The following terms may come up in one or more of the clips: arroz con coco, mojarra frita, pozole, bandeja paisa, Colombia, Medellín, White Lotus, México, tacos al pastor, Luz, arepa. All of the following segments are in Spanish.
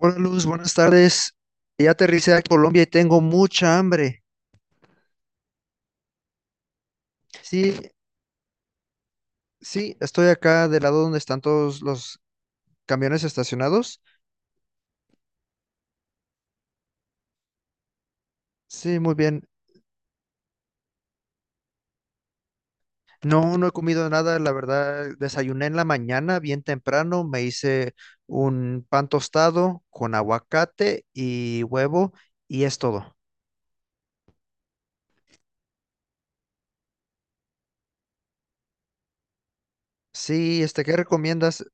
Hola Luz, buenas tardes. Ya aterricé a Colombia y tengo mucha hambre. Sí, sí, estoy acá del lado donde están todos los camiones estacionados. Sí, muy bien. No, no he comido nada, la verdad. Desayuné en la mañana, bien temprano. Me hice un pan tostado con aguacate y huevo y es todo. Sí, ¿qué recomiendas?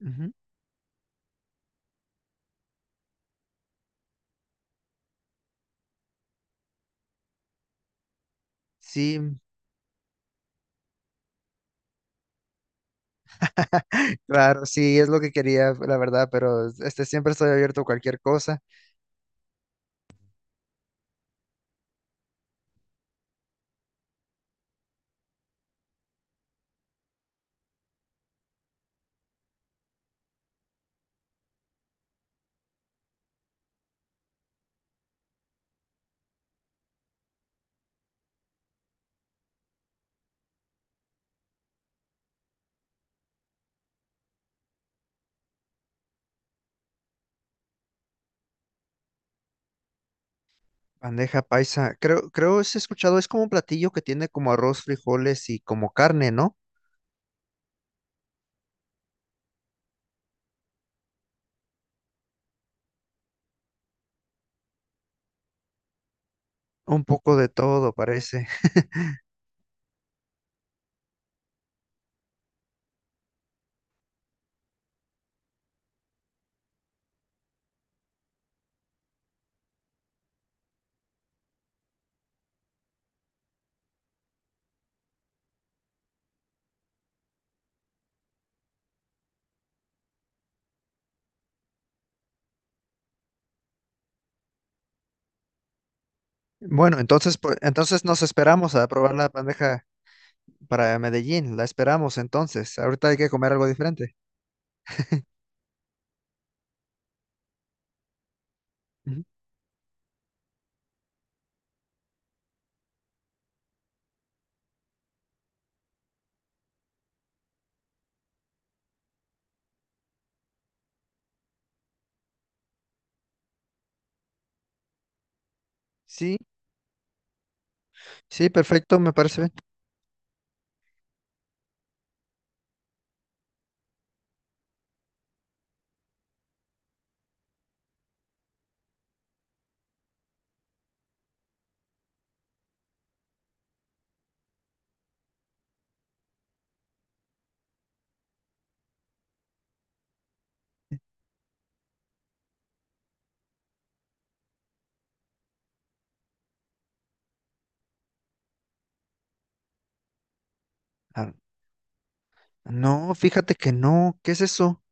Ujú. Sí, claro, sí, es lo que quería, la verdad, pero siempre estoy abierto a cualquier cosa. Bandeja paisa. Creo es escuchado, es como un platillo que tiene como arroz, frijoles y como carne, ¿no? Un poco de todo, parece. Bueno, entonces, pues, entonces nos esperamos a probar la bandeja para Medellín. La esperamos entonces. Ahorita hay que comer algo diferente. Ujú. Sí, sí, perfecto, me parece bien. Ah, no, fíjate que no. ¿Qué es eso?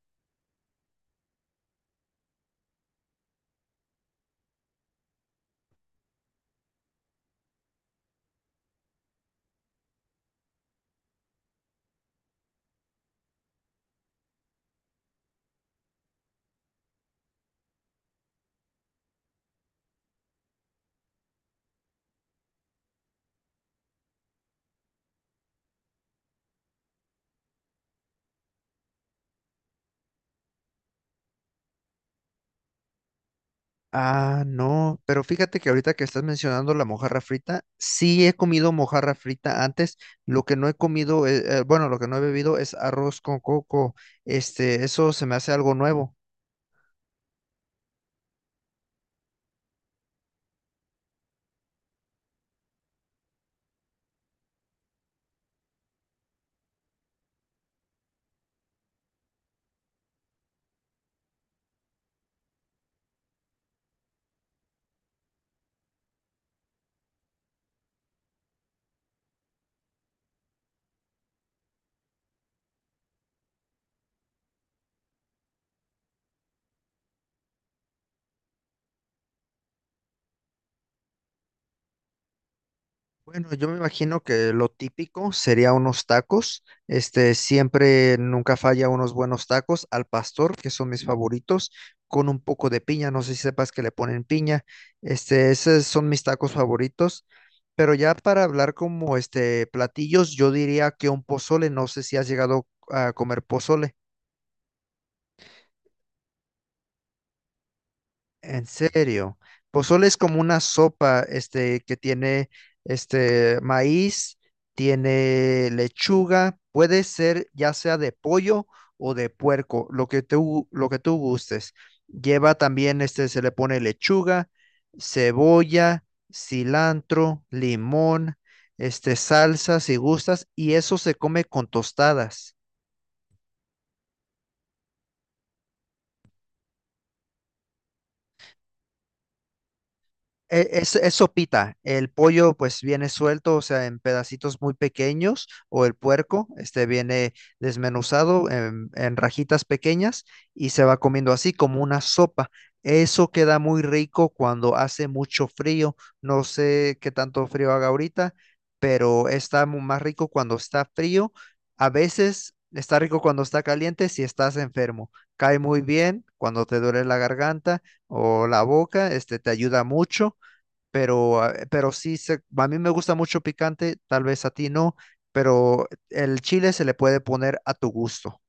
Ah, no, pero fíjate que ahorita que estás mencionando la mojarra frita, sí he comido mojarra frita antes, lo que no he comido, bueno, lo que no he bebido es arroz con coco, eso se me hace algo nuevo. Bueno, yo me imagino que lo típico sería unos tacos, siempre nunca falla unos buenos tacos al pastor, que son mis favoritos, con un poco de piña, no sé si sepas que le ponen piña, esos son mis tacos favoritos. Pero ya para hablar como platillos, yo diría que un pozole, no sé si has llegado a comer pozole. En serio, pozole es como una sopa, que tiene, maíz, tiene lechuga, puede ser ya sea de pollo o de puerco, lo que tú gustes. Lleva también, se le pone lechuga, cebolla, cilantro, limón, salsa, si gustas, y eso se come con tostadas. Es sopita. El pollo pues viene suelto, o sea, en pedacitos muy pequeños, o el puerco, viene desmenuzado en rajitas pequeñas y se va comiendo así como una sopa. Eso queda muy rico cuando hace mucho frío. No sé qué tanto frío haga ahorita, pero está más rico cuando está frío. A veces está rico cuando está caliente si estás enfermo. Cae muy bien cuando te duele la garganta o la boca, te ayuda mucho pero sí, a mí me gusta mucho picante, tal vez a ti no, pero el chile se le puede poner a tu gusto.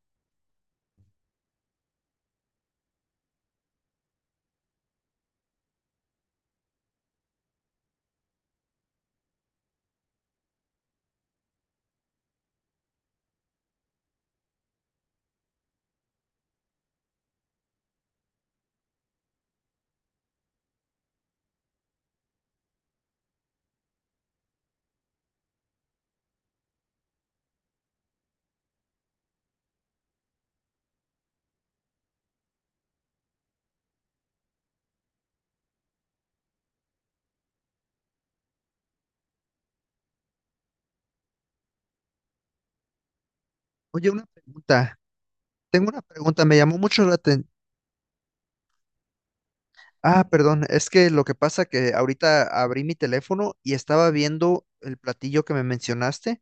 Oye, una pregunta, tengo una pregunta, me llamó mucho la atención. Ah, perdón, es que lo que pasa que ahorita abrí mi teléfono y estaba viendo el platillo que me mencionaste.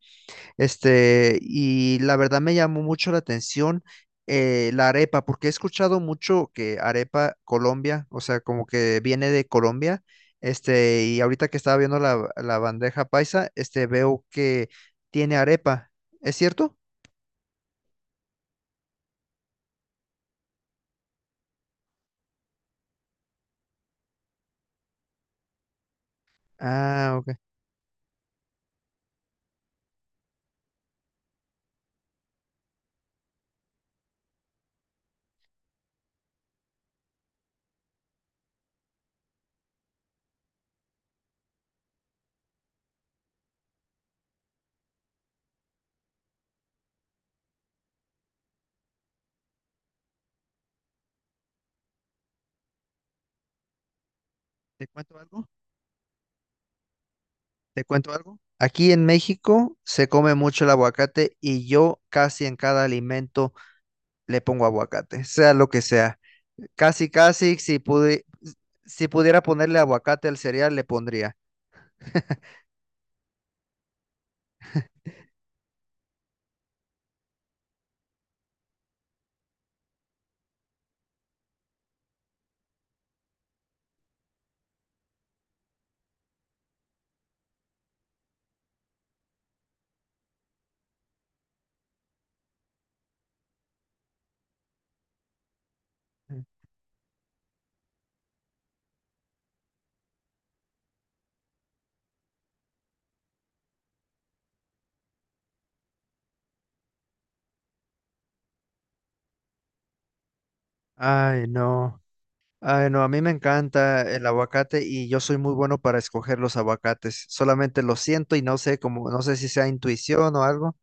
Y la verdad me llamó mucho la atención la arepa, porque he escuchado mucho que arepa Colombia, o sea, como que viene de Colombia, y ahorita que estaba viendo la bandeja paisa, veo que tiene arepa, ¿es cierto? Ah, ok. ¿Te cuento algo? ¿Te cuento algo? Aquí en México se come mucho el aguacate y yo casi en cada alimento le pongo aguacate, sea lo que sea. Casi, casi, si pudiera ponerle aguacate al cereal, le pondría. Ay, no. Ay, no, a mí me encanta el aguacate y yo soy muy bueno para escoger los aguacates. Solamente lo siento y no sé si sea intuición o algo.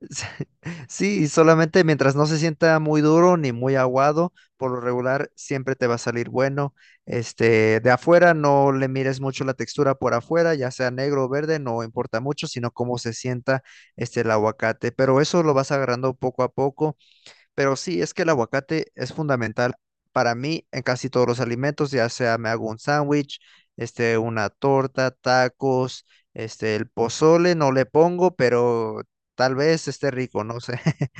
Sí, y solamente mientras no se sienta muy duro ni muy aguado, por lo regular siempre te va a salir bueno. De afuera no le mires mucho la textura por afuera, ya sea negro o verde, no importa mucho, sino cómo se sienta el aguacate, pero eso lo vas agarrando poco a poco. Pero sí, es que el aguacate es fundamental para mí en casi todos los alimentos, ya sea me hago un sándwich, una torta, tacos, el pozole no le pongo, pero tal vez esté rico, no sé.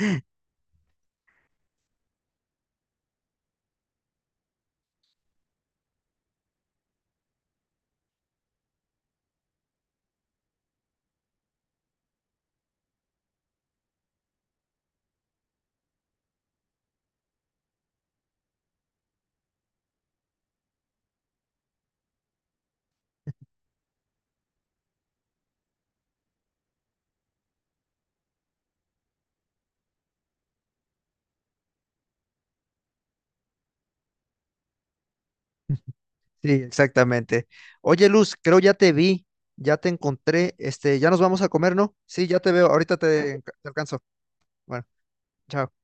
Sí, exactamente. Oye, Luz, creo ya te vi, ya te encontré, ya nos vamos a comer, ¿no? Sí, ya te veo, ahorita te alcanzo. Bueno, chao.